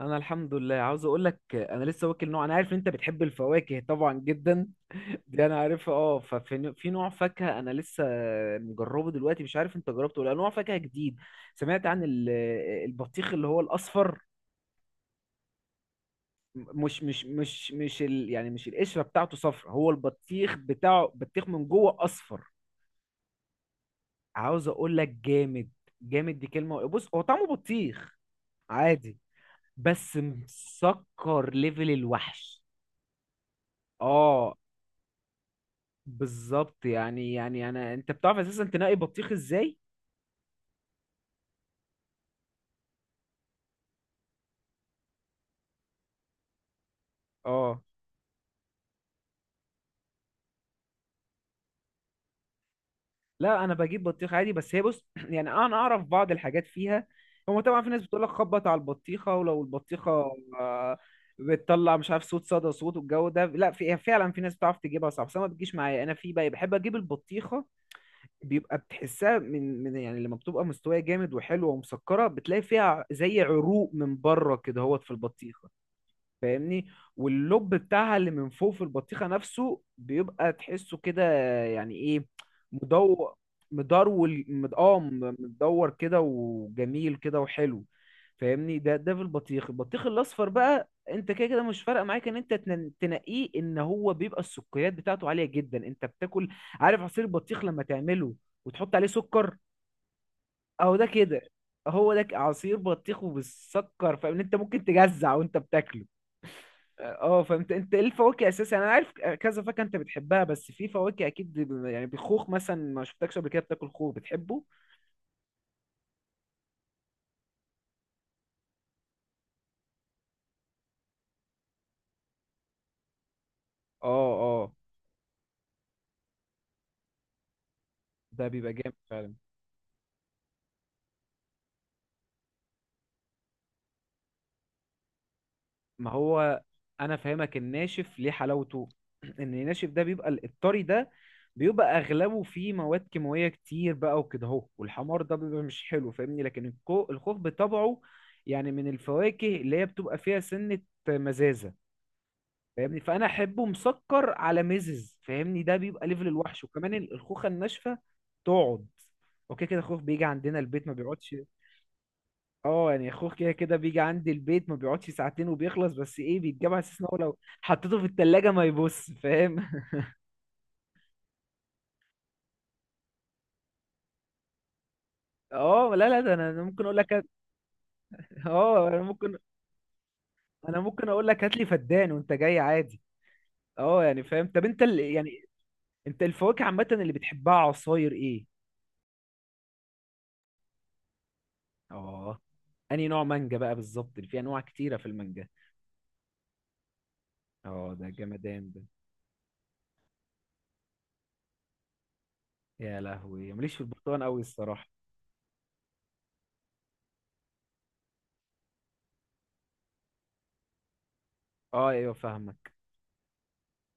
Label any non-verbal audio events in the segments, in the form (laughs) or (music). انا الحمد لله، عاوز اقول لك انا لسه واكل نوع. انا عارف إن انت بتحب الفواكه طبعا جدا. (laughs) دي انا عارفها. اه ففي في نوع فاكهه انا لسه مجربه دلوقتي. مش عارف انت جربته ولا لأ. نوع فاكهه جديد. سمعت عن البطيخ اللي هو الاصفر. مش يعني مش القشره بتاعته صفرا، هو البطيخ بتاعه بطيخ من جوه اصفر. عاوز اقول لك جامد. جامد دي كلمه. بص، هو طعمه بطيخ عادي بس مسكر ليفل الوحش. اه، بالظبط. يعني انت بتعرف اساسا تنقي بطيخ ازاي؟ اه، لا، انا بجيب بطيخ عادي بس هي بص، (clears throat) يعني انا اعرف بعض الحاجات فيها. هو طبعا في ناس بتقول لك خبط على البطيخه، ولو البطيخه آه، بتطلع مش عارف صوت صدى صوت والجو ده. لا، في فعلا في ناس بتعرف تجيبها صح، بس انا ما بتجيش معايا. انا في بقى بحب اجيب البطيخه، بيبقى بتحسها من، يعني لما بتبقى مستويه جامد وحلوه ومسكره بتلاقي فيها زي عروق من بره كده هوت في البطيخه. فاهمني؟ واللب بتاعها اللي من فوق في البطيخة نفسه بيبقى تحسه كده. يعني ايه؟ مدور. مدرول مد... اه م- مدور كده وجميل كده وحلو. فاهمني؟ ده في البطيخ الاصفر بقى، انت كده كده مش فارقه معاك ان انت تنقيه، ان هو بيبقى السكريات بتاعته عاليه جدا. انت بتاكل، عارف عصير البطيخ لما تعمله وتحط عليه سكر؟ اهو ده كده. هو ده، عصير بطيخ وبالسكر، فاهم انت ممكن تجزع وانت بتاكله. اه، فانت ايه الفواكه اساسا؟ انا عارف كذا فاكهه انت بتحبها، بس في فواكه اكيد يعني بالخوخ مثلا ما شفتكش قبل كده بتاكل خوخ بتحبه. اه، اه، ده بيبقى جامد فعلا. ما هو انا فاهمك الناشف ليه حلاوته. (clears throat) ان الناشف ده بيبقى الطري ده بيبقى اغلبه فيه مواد كيماويه كتير بقى وكده اهو، والحمار ده بيبقى مش حلو. فاهمني؟ لكن الخوخ بطبعه يعني من الفواكه اللي هي بتبقى فيها سنه مزازه. فاهمني؟ فانا احبه مسكر على ميزز. فاهمني؟ ده بيبقى ليفل الوحش. وكمان الخوخه الناشفه تقعد. اوكي كده، خوخ بيجي عندنا البيت ما بيقعدش. اه، يعني خوخ كده كده بيجي عندي البيت ما بيقعدش ساعتين وبيخلص. بس ايه، بيتجاب على اساس ان هو لو حطيته في التلاجة ما يبص، فاهم؟ (laughs) اه، لا، لا، ده انا ممكن اقول لك اه، انا ممكن اقول لك هات لي فدان وانت جاي، عادي. اه، يعني فاهم. طب انت يعني انت الفواكه عامه اللي بتحبها عصاير ايه؟ اه، انهي نوع مانجا بقى بالظبط؟ اللي فيه انواع كتيره في المانجا. اه، ده جمدان ده. يا لهوي، ماليش في البرتقال قوي الصراحه. اه، ايوه، فاهمك.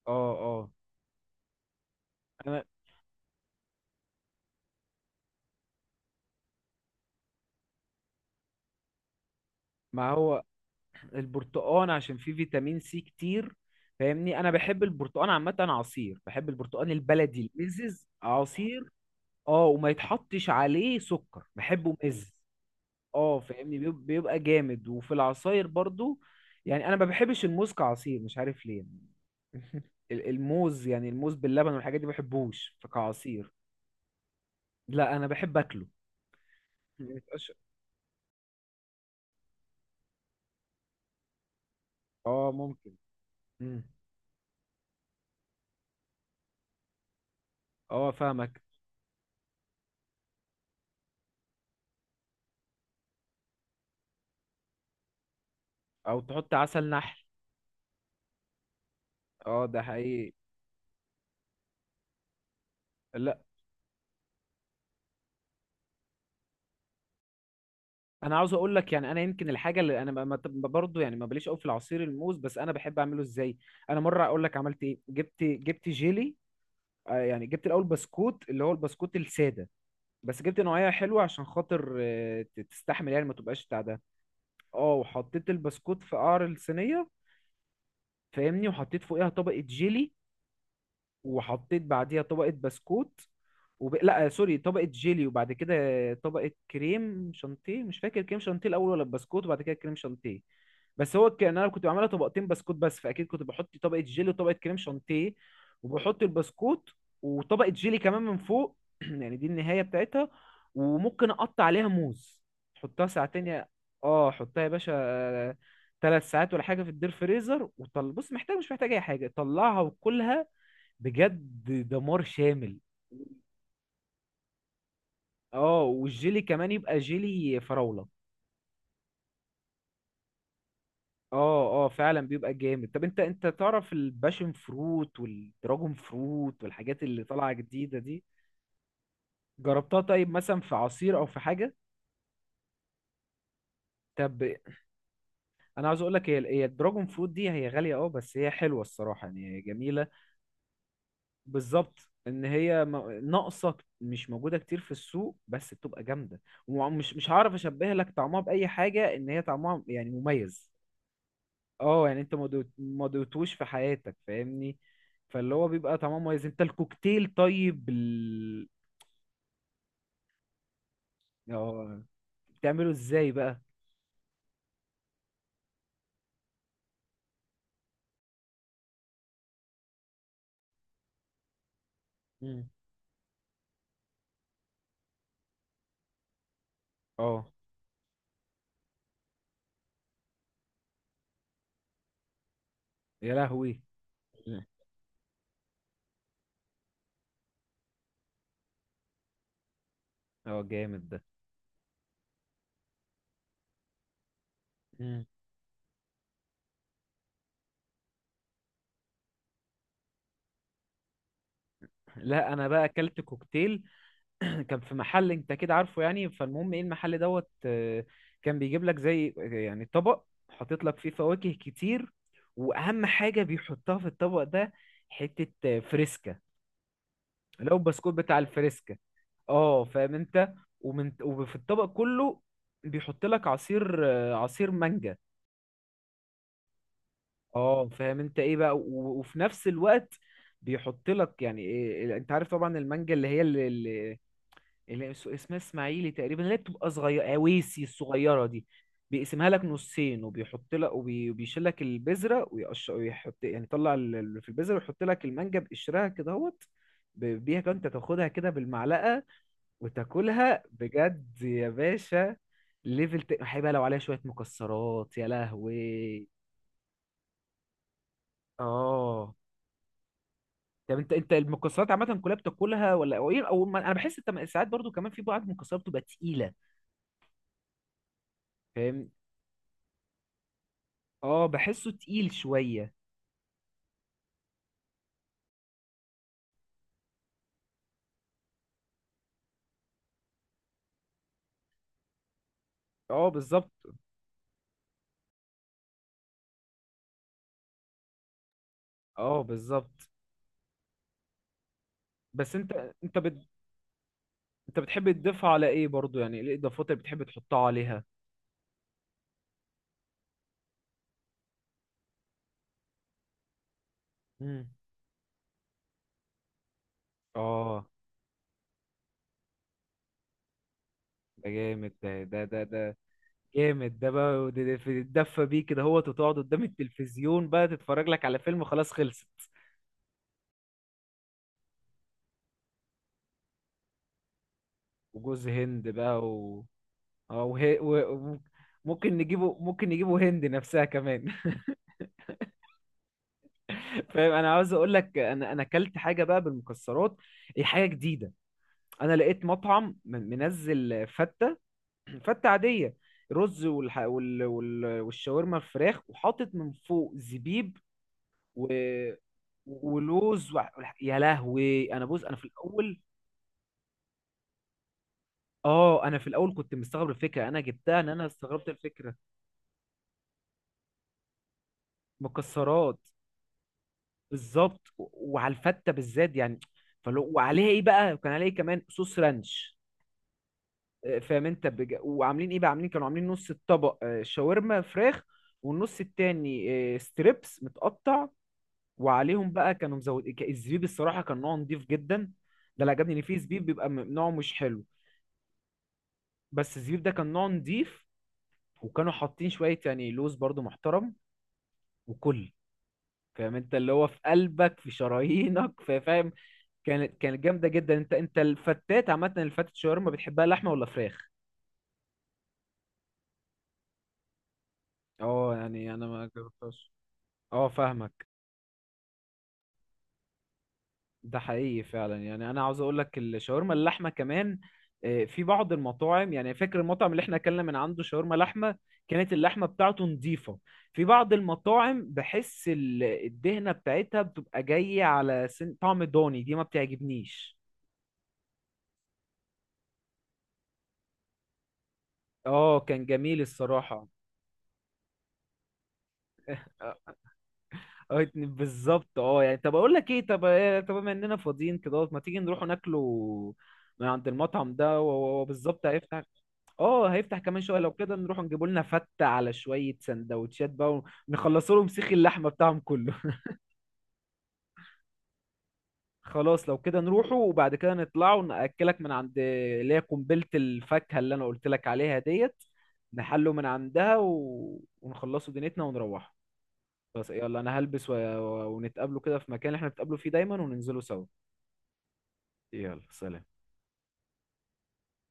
اه، اه، انا ما هو البرتقال عشان فيه فيتامين سي كتير. فاهمني، انا بحب البرتقال عامه عصير، بحب البرتقال البلدي المزز عصير. اه، وما يتحطش عليه سكر بحبه مز. اه، فاهمني، بيبقى جامد. وفي العصاير برضو، يعني انا ما بحبش الموز كعصير، مش عارف ليه. (laughs) الموز، يعني الموز باللبن والحاجات دي ما بحبوش، فكعصير. لا، انا بحب اكله. ما يبقاش- اه ممكن. مم. اه، فاهمك. او تحط عسل نحل. اه، ده حقيقي. لا، انا عاوز اقول لك يعني انا يمكن الحاجه اللي انا ما برضه، يعني ما بليش قوي في العصير الموز، بس انا بحب اعمله ازاي. انا مره اقول لك عملت ايه: جبت جيلي. يعني جبت الاول بسكوت اللي هو البسكوت الساده، بس جبت نوعيه حلوه عشان خاطر تستحمل، يعني ما تبقاش بتاع ده. اه، وحطيت البسكوت في قعر الصينيه. فاهمني؟ وحطيت فوقيها طبقة جيلي، وحطيت بعديها طبقة بسكوت، لا، سوري، طبقة جيلي، وبعد كده طبقة كريم شانتيه. مش فاكر كريم شانتيه الأول ولا بسكوت وبعد كده كريم شانتيه، بس هو كان أنا كنت بعملها طبقتين بسكوت بس، فأكيد كنت بحط طبقة جيلي وطبقة كريم شانتيه، وبحط البسكوت وطبقة جيلي كمان من فوق. (clears throat) يعني دي النهاية بتاعتها، وممكن أقطع عليها موز. حطها ساعتين اه، حطها يا باشا 3 ساعات ولا حاجة في الدير فريزر، وطل بص محتاج مش محتاج أي حاجة طلعها وكلها. بجد دمار شامل. اه، والجيلي كمان يبقى جيلي فراولة. اه، اه، فعلا بيبقى جامد. طب انت تعرف الباشن فروت والدراجون فروت والحاجات اللي طالعة جديدة دي؟ جربتها؟ طيب مثلا في عصير او في حاجة؟ طب انا عاوز اقول لك هي الدراجون فروت دي هي غالية، اه، بس هي حلوة الصراحة، يعني هي جميلة. بالظبط، ان هي ناقصة مش موجودة كتير في السوق بس بتبقى جامدة. ومش مش هعرف اشبه لك طعمها بأي حاجة، ان هي طعمها يعني مميز. اه، يعني انت ما دوتوش في حياتك، فاهمني؟ فاللي هو بيبقى طعمه مميز. انت الكوكتيل طيب اه، بتعمله ازاي بقى؟ مم. اه، يا لهوي. مم. اه، جامد ده. مم. لا، انا بقى اكلت كوكتيل. (clears throat) كان في محل، انت كده عارفه يعني. فالمهم ايه المحل دوت، كان بيجيب لك زي يعني طبق حاطط لك فيه فواكه كتير، واهم حاجة بيحطها في الطبق ده حتة فريسكا، اللي هو البسكوت بتاع الفريسكا. اه، فاهم انت؟ ومن وفي الطبق كله بيحط لك عصير، عصير مانجا. اه، فاهم انت ايه بقى؟ وفي نفس الوقت بيحط لك، يعني إيه، انت عارف طبعا المانجا اللي هي اسمها اسماعيلي تقريبا، اللي هي بتبقى صغيره اويسي الصغيره دي. بيقسمها لك نصين، وبيحط لك وبيشيل لك البذره ويقش ويحط، يعني يطلع في البذره، ويحط لك المانجا بقشرها كده اهوت. بيها كده، انت تاخدها كده بالمعلقه وتاكلها بجد يا باشا. ليفل هيبقى لو عليها شويه مكسرات يا لهوي. اه، طب انت المكسرات عامه كلها بتاكلها، ولا او ايه، او ما... انا بحس انت ساعات برضو كمان في بعض المكسرات بتبقى تقيله، فاهم؟ اه، بحسه تقيل شويه. اه، بالظبط. اه، بالظبط. بس انت بت... انت بتحب تضيفها على ايه برضو، يعني ايه الاضافات اللي بتحب تحطها عليها؟ امم اه، ده جامد ده جامد ده بقى. تدفى بيه كده، هو تقعد قدام التلفزيون بقى تتفرج لك على فيلم، خلاص خلصت. وجوز هند بقى و... أو هي... و... و- ممكن نجيبه، هند نفسها كمان. (laughs) فاهم؟ انا عاوز اقول لك انا اكلت حاجه بقى بالمكسرات، هي حاجه جديده. انا لقيت مطعم منزل فته. (clears throat) فته عاديه، رز والشاورما الفراخ، وحاطط من فوق زبيب و... ولوز يا لهوي. انا بص، انا في الاول كنت مستغرب الفكره، انا جبتها ان استغربت الفكره. مكسرات، بالظبط. وعلى الفته بالذات يعني، فلو وعليها ايه بقى، كان عليها إيه كمان صوص رانش؟ فاهم انت وعاملين ايه بقى؟ كانوا عاملين نص الطبق شاورما فراخ، والنص التاني ستريبس متقطع. وعليهم بقى كانوا مزود الزبيب. الصراحه كان نوعه نضيف جدا. ده اللي عجبني، ان في زبيب بيبقى نوعه مش حلو، بس الزبيب ده كان نوعه نضيف، وكانوا حاطين شويه يعني لوز برضو محترم وكل. فاهم انت؟ اللي هو في قلبك في شرايينك فاهم. كانت جامده جدا. انت الفتات عامه الفتة شاورما بتحبها لحمه ولا فراخ؟ اه، يعني انا ما جربتهاش. اه، فاهمك. ده حقيقي فعلا. يعني انا عاوز اقول لك الشاورما اللحمه كمان، في بعض المطاعم، يعني فاكر المطعم اللي احنا اكلنا من عنده شاورما لحمه، كانت اللحمه بتاعته نظيفه. في بعض المطاعم بحس الدهنه بتاعتها بتبقى جايه على سن طعم ضاني، دي ما بتعجبنيش. اه، كان جميل الصراحه. اه، بالظبط. اه، يعني طب اقول لك ايه؟ طب طب بما اننا فاضيين كده، ما تيجي نروح ناكله من عند المطعم ده. هو بالظبط هيفتح. اه، هيفتح كمان شويه. لو كده نروح نجيبوا لنا فته على شويه سندوتشات بقى، ونخلصوا لهم سيخ اللحمه بتاعهم كله. (laughs) خلاص، لو كده نروحوا، وبعد كده نطلعوا ناكلك من عند اللي هي قنبله الفاكهه اللي انا قلت لك عليها ديت. نحله من عندها ونخلصوا دنيتنا ونروحوا. خلاص يلا، انا هلبس ونتقابلوا كده في مكان اللي احنا بنتقابلوا فيه دايما، وننزلوا سوا. يلا، سلام.